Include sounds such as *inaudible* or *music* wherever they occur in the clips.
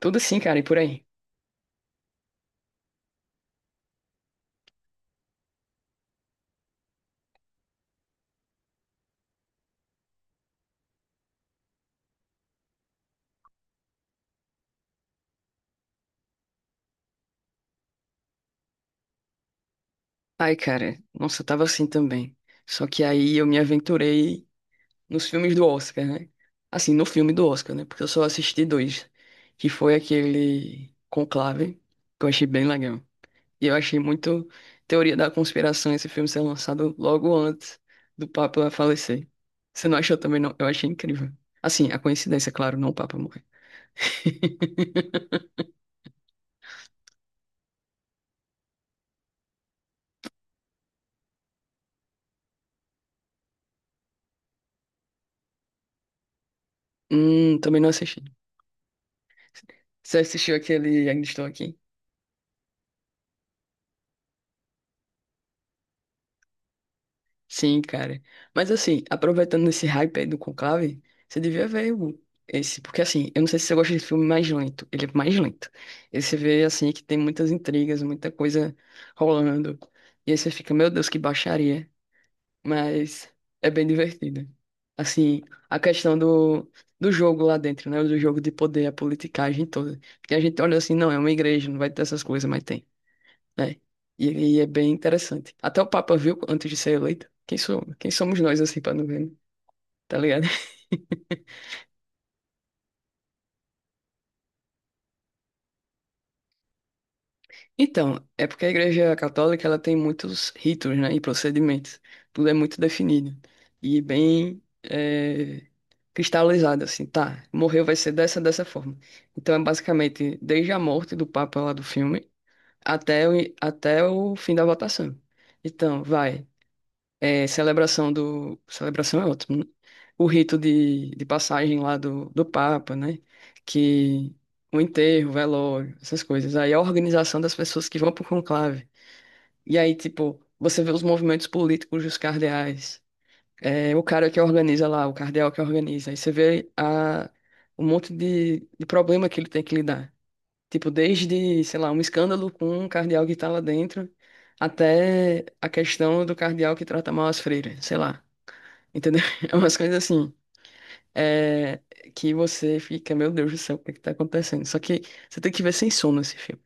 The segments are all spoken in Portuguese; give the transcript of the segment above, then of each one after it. Tudo assim, cara, e por aí. Ai, cara, nossa, eu tava assim também. Só que aí eu me aventurei nos filmes do Oscar, né? Assim, no filme do Oscar, né? Porque eu só assisti dois, que foi aquele Conclave, que eu achei bem legal. E eu achei muito teoria da conspiração esse filme ser lançado logo antes do Papa falecer. Você não achou também, não? Eu achei incrível. Assim, a coincidência, é claro, não o Papa morrer. Também não assisti. Você assistiu aquele Ainda Estou Aqui? Sim, cara. Mas assim, aproveitando esse hype aí do Conclave, você devia ver esse, porque assim, eu não sei se você gosta de filme mais lento, ele é mais lento. E você vê assim que tem muitas intrigas, muita coisa rolando. E aí você fica, meu Deus, que baixaria. Mas é bem divertido. Assim, a questão do jogo lá dentro, né? Do jogo de poder, a politicagem toda. Que a gente olha assim, não, é uma igreja, não vai ter essas coisas, mas tem. É. E é bem interessante. Até o Papa viu antes de ser eleito. Quem sou, quem somos nós, assim, pra não ver, né? Tá ligado? *laughs* Então, é porque a Igreja Católica ela tem muitos ritos, né, e procedimentos. Tudo é muito definido e bem cristalizado, assim, tá? Morreu vai ser dessa forma. Então é basicamente desde a morte do Papa lá do filme até o, até o fim da votação. Então, vai. É, celebração do. Celebração é ótimo, né? O rito de passagem lá do Papa, né? Que o enterro, o velório, essas coisas. Aí a organização das pessoas que vão pro conclave. E aí, tipo, você vê os movimentos políticos dos cardeais. É, o cara que organiza lá, o cardeal que organiza. Aí você vê um monte de problema que ele tem que lidar. Tipo, desde, sei lá, um escândalo com um cardeal que tá lá dentro, até a questão do cardeal que trata mal as freiras, sei lá. Entendeu? *laughs* É umas coisas assim. É, que você fica, meu Deus do céu, o que é que tá acontecendo? Só que você tem que ver sem sono esse filme,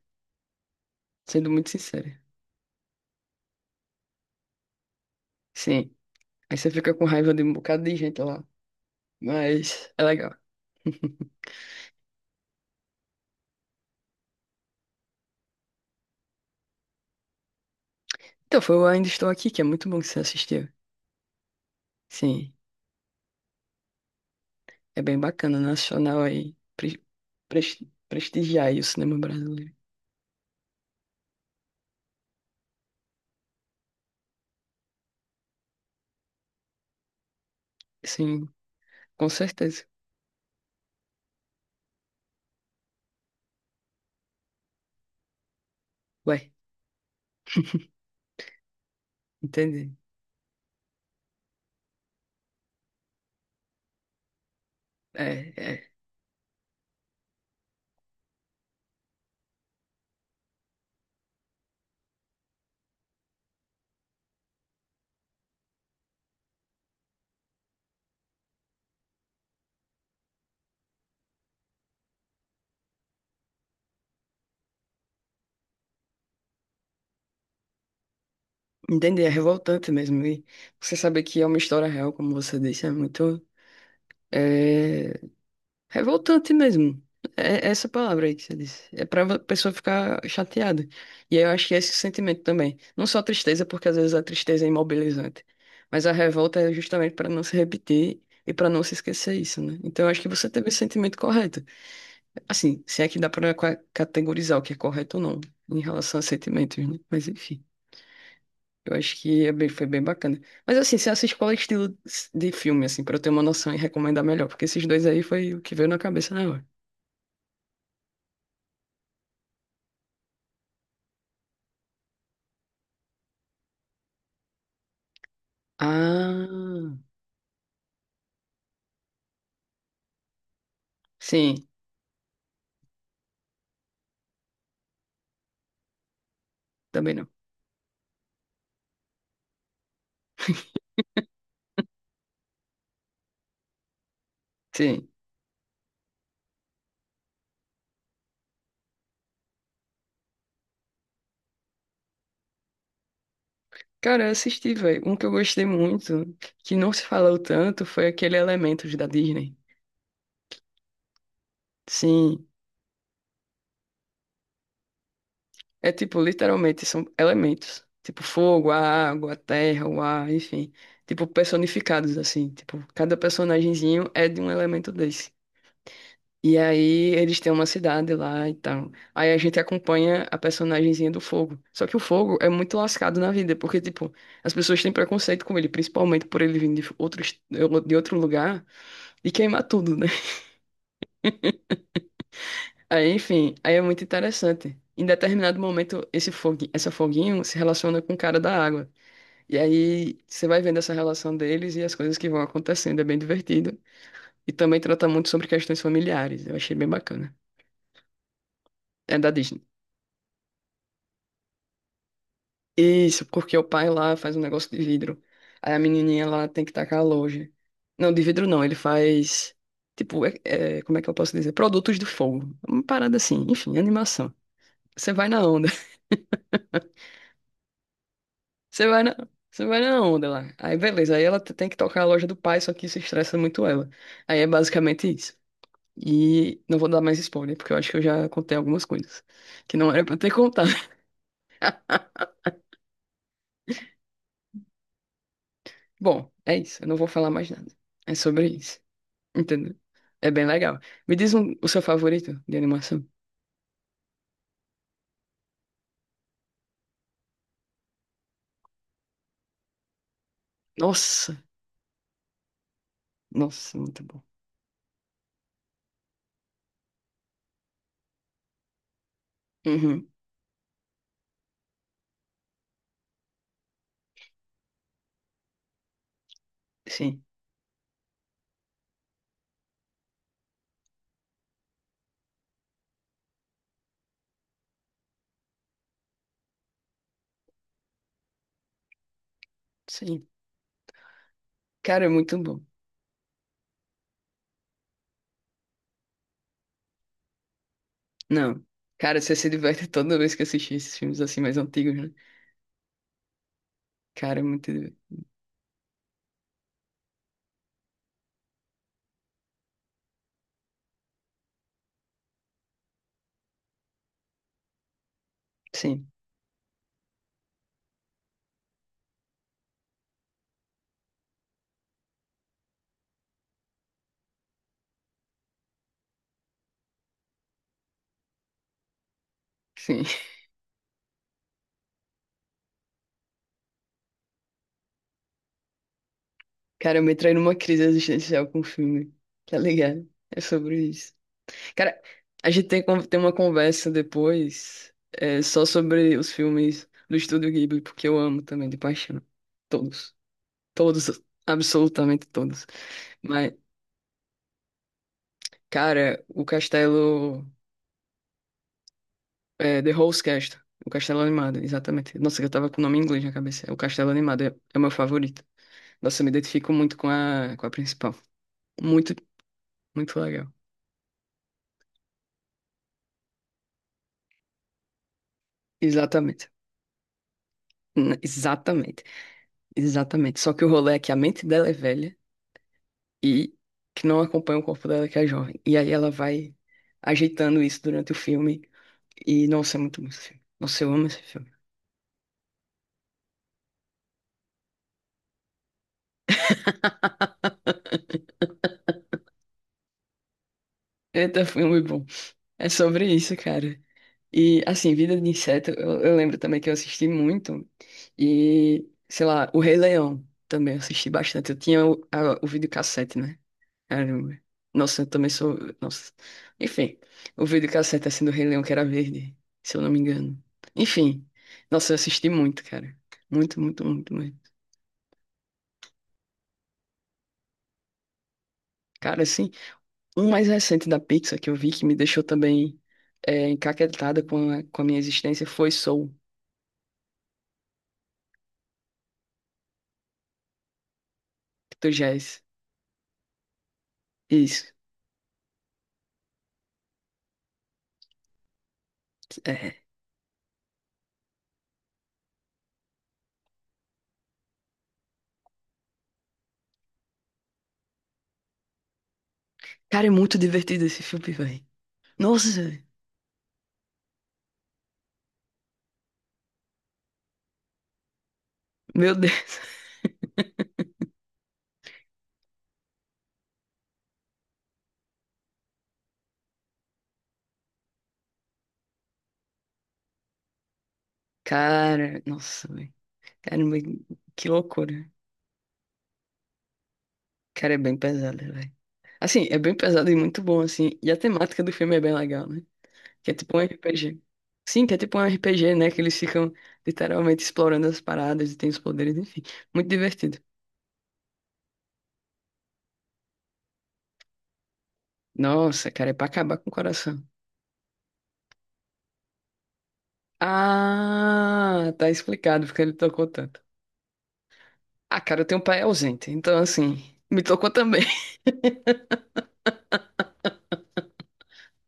sendo muito sincero. Sim. Aí você fica com raiva de um bocado de gente lá. Mas é legal. Então, foi o Ainda Estou Aqui, que é muito bom que você assistiu. Sim, é bem bacana, nacional aí. Pres- prestigiar aí o cinema brasileiro. Sim, com certeza. Ué, entendi. É, é. Entendi, é revoltante mesmo. E você saber que é uma história real, como você disse, é muito. É revoltante mesmo. É essa palavra aí que você disse. É pra pessoa ficar chateada. E aí eu acho que é esse sentimento também. Não só a tristeza, porque às vezes a tristeza é imobilizante. Mas a revolta é justamente para não se repetir e para não se esquecer isso, né? Então eu acho que você teve o sentimento correto. Assim, se é que dá pra categorizar o que é correto ou não em relação a sentimentos, né? Mas enfim. Eu acho que é foi bem bacana. Mas assim, se essa escola é estilo de filme, assim, pra eu ter uma noção e recomendar melhor, porque esses dois aí foi o que veio na cabeça na hora. Ah, sim, também não. Sim. Cara, eu assisti, velho. Um que eu gostei muito, que não se falou tanto, foi aquele Elementos da Disney. Sim. É tipo, literalmente, são elementos. Tipo, fogo, a água, a terra, o ar, enfim. Tipo, personificados, assim. Tipo, cada personagemzinho é de um elemento desse. E aí eles têm uma cidade lá e tal. Aí a gente acompanha a personagenzinha do Fogo. Só que o Fogo é muito lascado na vida, porque, tipo, as pessoas têm preconceito com ele, principalmente por ele vir de outro, de outro lugar e queimar tudo, né? *laughs* Aí, enfim, aí é muito interessante. Em determinado momento, esse fogo, essa foguinho se relaciona com o cara da água. E aí você vai vendo essa relação deles e as coisas que vão acontecendo. É bem divertido. E também trata muito sobre questões familiares. Eu achei bem bacana. É da Disney. Isso, porque o pai lá faz um negócio de vidro. Aí a menininha lá tem que tacar longe. Não, de vidro não, ele faz. Tipo, é, como é que eu posso dizer? Produtos do fogo. Uma parada assim, enfim, animação. Você vai na onda. *laughs* Você vai na, você vai na onda lá. Aí beleza, aí ela tem que tocar a loja do pai, só que isso estressa muito ela. Aí é basicamente isso. E não vou dar mais spoiler, porque eu acho que eu já contei algumas coisas que não era pra ter contado. *laughs* Bom, é isso, eu não vou falar mais nada. É sobre isso. Entendeu? É bem legal. Me diz o seu favorito de animação. Nossa, nossa, muito bom. Uhum, sim, sim. Cara, é muito bom. Não. Cara, você se diverte *laughs* toda vez que assiste esses filmes assim mais antigos, né? Cara, é muito. Sim, sim. *laughs* Cara, eu me trai numa crise existencial com o filme. Tá ligado? É sobre isso. Cara, a gente tem, tem uma conversa depois é, só sobre os filmes do Estúdio Ghibli, porque eu amo também, de paixão. Todos. Todos, absolutamente todos. Mas, cara, o castelo. É, The House Castle. O castelo animado, exatamente. Nossa, eu tava com o nome em inglês na cabeça. O castelo animado é, é o meu favorito. Nossa, eu me identifico muito com a principal. Muito, muito legal. Exatamente. Exatamente. Exatamente. Só que o rolê é que a mente dela é velha e que não acompanha o corpo dela, que é jovem. E aí ela vai ajeitando isso durante o filme. E, nossa, é muito bom esse filme. Nossa, eu amo esse filme. Eita, foi muito bom. É sobre isso, cara. E, assim, Vida de Inseto, eu lembro também que eu assisti muito. E, sei lá, O Rei Leão também eu assisti bastante. Eu tinha o videocassete, né? Caramba. Nossa, eu também sou. Nossa. Enfim, o videocassete assim do Rei Leão, que era verde, se eu não me engano. Enfim, nossa, eu assisti muito, cara. Muito, muito, muito, muito. Cara, assim. Um mais recente da Pixar que eu vi que me deixou também é, encaquetada com a minha existência foi Soul, do tu Isso. É. Cara, é muito divertido esse filme, velho. Nossa, meu *laughs* Deus. Cara, nossa, velho. Caramba, que loucura. Cara, é bem pesado, velho. Assim, é bem pesado e muito bom, assim. E a temática do filme é bem legal, né? Que é tipo um RPG. Sim, que é tipo um RPG, né? Que eles ficam literalmente explorando as paradas e tem os poderes, enfim. Muito divertido. Nossa, cara, é pra acabar com o coração. Ah, tá explicado porque ele tocou tanto. Ah, cara, eu tenho um pai ausente, então assim, me tocou também.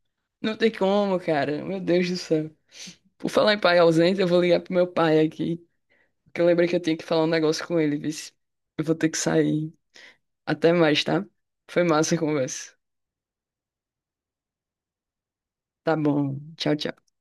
*laughs* Não tem como, cara. Meu Deus do céu. Por falar em pai ausente, eu vou ligar pro meu pai aqui, porque eu lembrei que eu tinha que falar um negócio com ele, vice. Eu vou ter que sair. Até mais, tá? Foi massa a conversa. Tá bom. Tchau, tchau.